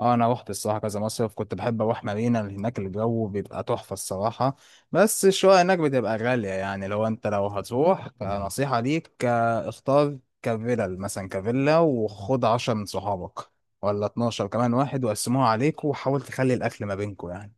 اه انا روحت الصراحه كذا مصيف، كنت بحب اروح مارينا، اللي هناك الجو بيبقى تحفه الصراحه. بس الشقق هناك بتبقى غاليه، يعني لو هتروح نصيحه ليك اختار كفيلل مثلا كفيلا وخد 10 من صحابك ولا 12، كمان واحد وقسموها عليك وحاول تخلي الاكل ما بينكم يعني.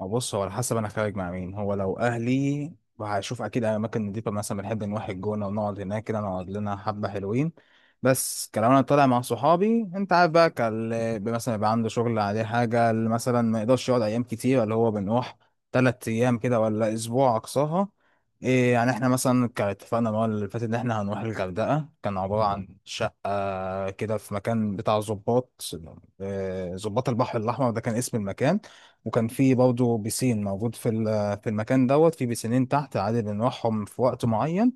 بص، هو على حسب انا خارج مع مين. هو لو اهلي هشوف اكيد اماكن نضيفه، مثلا بنحب نروح الجونه ونقعد هناك كده، نقعد لنا حبه حلوين. بس كلام انا طالع مع صحابي، انت عارف بقى، كال مثلا يبقى عنده شغل عليه حاجه، اللي مثلا ما يقدرش يقعد ايام كتير، اللي هو بنروح 3 ايام كده ولا اسبوع اقصاها. إيه يعني، احنا مثلا كان اتفقنا المره اللي فاتت ان احنا هنروح الغردقه، كان عباره عن شقه كده في مكان بتاع ظباط، ظباط البحر الأحمر ده كان اسم المكان. وكان في برضه بيسين موجود في المكان دوت، في بيسينين تحت عادي بنروحهم في وقت معين.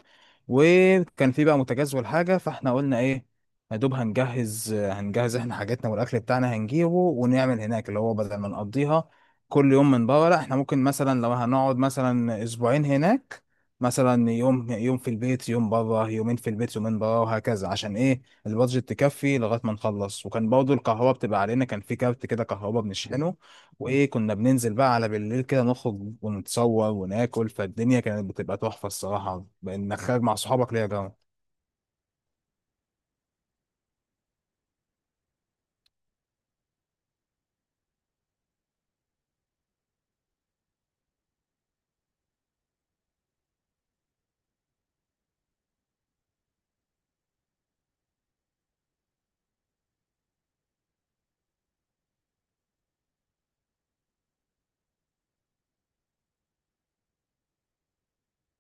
وكان في بقى متجزول حاجة، فاحنا قلنا ايه، يا دوب هنجهز احنا حاجاتنا والأكل بتاعنا هنجيبه ونعمل هناك، اللي هو بدل ما نقضيها كل يوم من بره، لا، احنا ممكن مثلا لو هنقعد مثلا أسبوعين هناك، مثلا يوم يوم، في البيت يوم بره، يومين في البيت يومين بره، وهكذا، عشان ايه؟ البادجت تكفي لغايه ما نخلص. وكان برضه الكهرباء بتبقى علينا، كان في كارت كده كهرباء بنشحنه. وايه، كنا بننزل بقى على بالليل كده، نخرج ونتصور وناكل، فالدنيا كانت بتبقى تحفه الصراحه، انك خارج مع صحابك، ليه يا جماعه.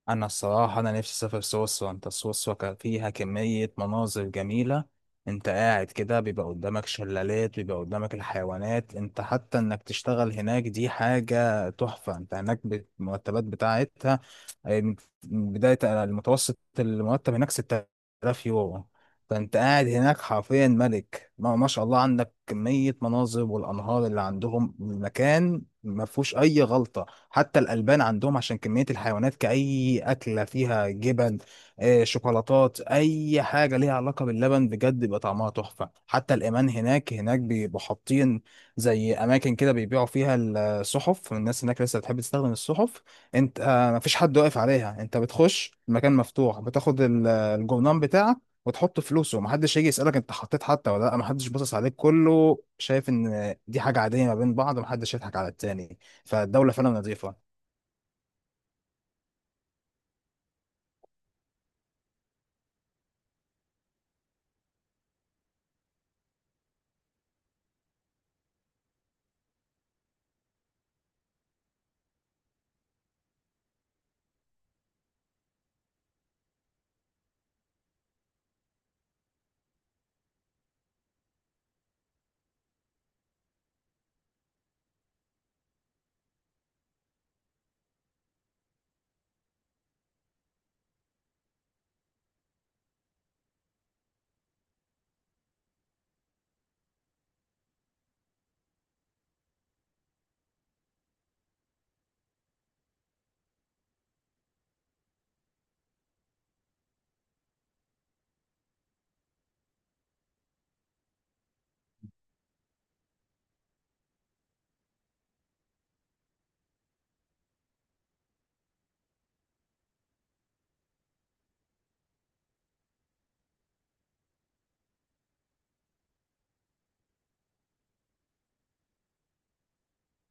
انا الصراحه، انا نفسي اسافر سويسرا. انت سويسرا كان فيها كميه مناظر جميله، انت قاعد كده بيبقى قدامك شلالات، بيبقى قدامك الحيوانات. انت حتى انك تشتغل هناك دي حاجه تحفه، انت هناك المرتبات بتاعتها آه، من من بدايه المتوسط، المرتب هناك 6000 يورو. فانت قاعد هناك حرفيا ملك، ما شاء الله، عندك كميه مناظر، والانهار اللي عندهم، المكان ما فيهوش اي غلطه. حتى الألبان عندهم، عشان كمية الحيوانات، كأي أكلة فيها جبن، شوكولاتات، أي حاجة ليها علاقة باللبن بجد بيبقى طعمها تحفة. حتى الإيمان هناك، بيبقوا حاطين زي أماكن كده بيبيعوا فيها الصحف. الناس هناك لسه بتحب تستخدم الصحف. أنت مفيش حد واقف عليها، أنت بتخش المكان مفتوح، بتاخد الجرنان بتاعك وتحط فلوسه، ومحدش يجي يسألك انت حطيت حتى ولا لا. محدش باصص عليك، كله شايف ان دي حاجة عادية ما بين بعض، ومحدش يضحك على التاني. فالدولة فعلا نظيفة.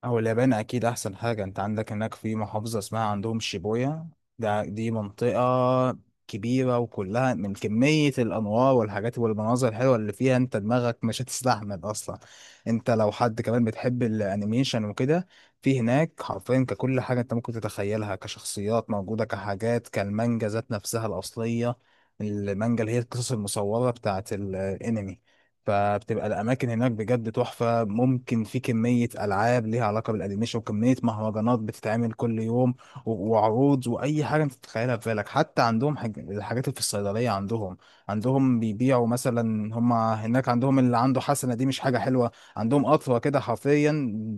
أو اليابان، أكيد أحسن حاجة. أنت عندك هناك في محافظة اسمها عندهم شيبويا. ده دي منطقة كبيرة، وكلها من كمية الأنوار والحاجات والمناظر الحلوة اللي فيها، أنت دماغك مش هتستحمل أصلا. أنت لو حد كمان بتحب الأنيميشن وكده، في هناك حرفيا ككل حاجة أنت ممكن تتخيلها، كشخصيات موجودة، كحاجات كالمانجا ذات نفسها الأصلية، المانجا اللي هي القصص المصورة بتاعت الأنمي. فبتبقى الاماكن هناك بجد تحفه. ممكن في كميه العاب ليها علاقه بالانيميشن، وكميه مهرجانات بتتعمل كل يوم، وعروض، واي حاجه انت تتخيلها في بالك. حتى عندهم الحاجات اللي في الصيدليه، عندهم عندهم بيبيعوا مثلا، هم هناك عندهم اللي عنده حسنه دي مش حاجه حلوه، عندهم قطوه كده حرفيا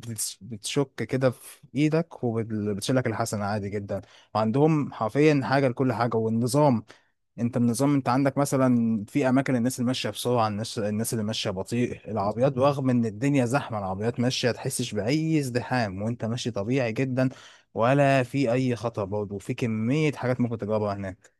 بتشك كده في ايدك وبتشيلك الحسنه عادي جدا. وعندهم حرفيا حاجه لكل حاجه. والنظام، انت النظام، انت عندك مثلا في اماكن الناس اللي ماشيه بسرعه، الناس اللي ماشيه بطيء، العربيات رغم ان الدنيا زحمه العربيات ماشيه تحسش باي ازدحام، وانت ماشي طبيعي جدا، ولا في اي خطر. برضه في كميه حاجات ممكن تجربها هناك.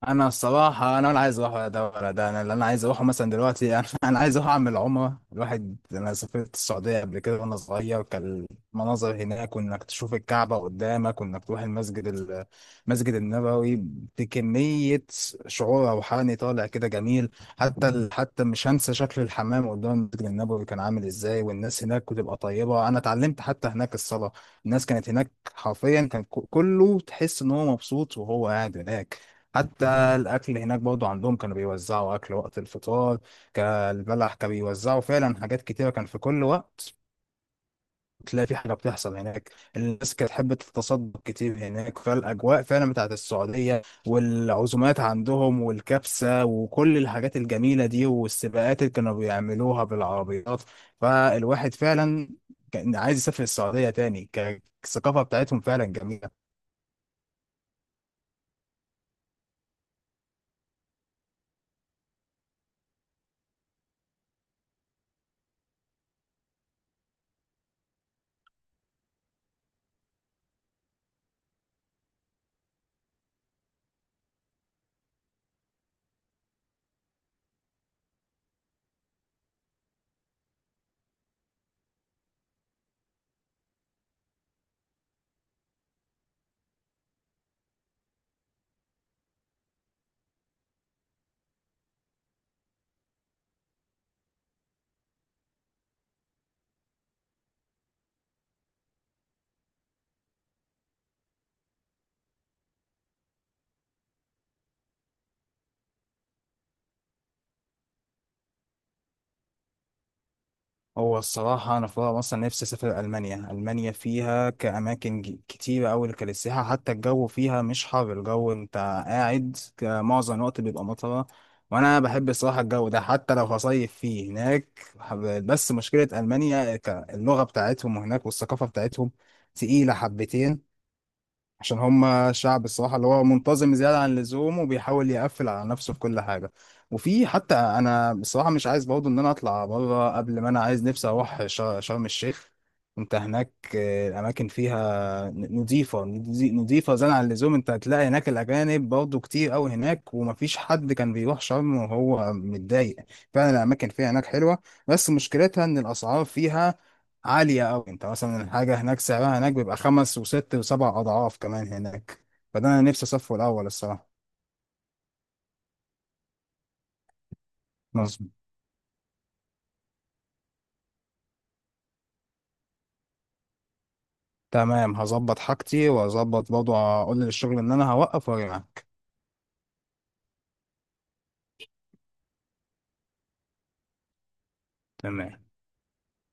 انا الصراحه، انا ولا عايز اروح ولا ده ولا ده. انا اللي انا عايز اروحه مثلا دلوقتي انا عايز اروح اعمل عمره. الواحد انا سافرت السعوديه قبل كده وانا صغير، كان المناظر هناك، وانك تشوف الكعبه قدامك، وانك تروح المسجد النبوي، بكميه شعور روحاني طالع كده جميل. حتى مش هنسى شكل الحمام قدام المسجد النبوي كان عامل ازاي. والناس هناك بتبقى طيبه، انا اتعلمت حتى هناك الصلاه. الناس كانت هناك حرفيا، كان كله تحس ان هو مبسوط وهو قاعد هناك. حتى الاكل هناك برضو عندهم، كانوا بيوزعوا اكل وقت الفطار، كالبلح كانوا بيوزعوا، فعلا حاجات كتيره كان في كل وقت تلاقي في حاجه بتحصل هناك. الناس كانت تحب تتصدق كتير هناك. فالاجواء فعلا بتاعت السعوديه والعزومات عندهم والكبسه وكل الحاجات الجميله دي، والسباقات اللي كانوا بيعملوها بالعربيات، فالواحد فعلا كان عايز يسافر السعوديه تاني. الثقافه بتاعتهم فعلا جميله. هو الصراحة أنا في مرة أصلا نفسي أسافر ألمانيا. ألمانيا فيها كتيرة أوي كللسياحة حتى الجو فيها مش حر. الجو أنت قاعد معظم الوقت بيبقى مطرة، وأنا بحب الصراحة الجو ده، حتى لو هصيف فيه هناك بس مشكلة ألمانيا اللغة بتاعتهم هناك والثقافة بتاعتهم تقيلة حبتين، عشان هم شعب الصراحة اللي هو منتظم زيادة عن اللزوم، وبيحاول يقفل على نفسه في كل حاجة. وفي حتى أنا بصراحة مش عايز برضه إن أنا أطلع بره. قبل ما أنا، عايز نفسي أروح شرم الشيخ. أنت هناك الأماكن فيها نضيفة زيادة عن اللزوم. أنت هتلاقي هناك الأجانب برضه كتير أوي هناك، ومفيش حد كان بيروح شرم وهو متضايق. فعلا الأماكن فيها هناك حلوة، بس مشكلتها إن الأسعار فيها عالية أوي. أنت مثلا الحاجة هناك سعرها هناك بيبقى خمس وست وسبع أضعاف كمان هناك. فده أنا نفسي أصفه الأول الصراحة. مظبوط. تمام، هظبط حاجتي وأظبط برضه أقول للشغل إن أنا هوقف وأرجعك. تمام.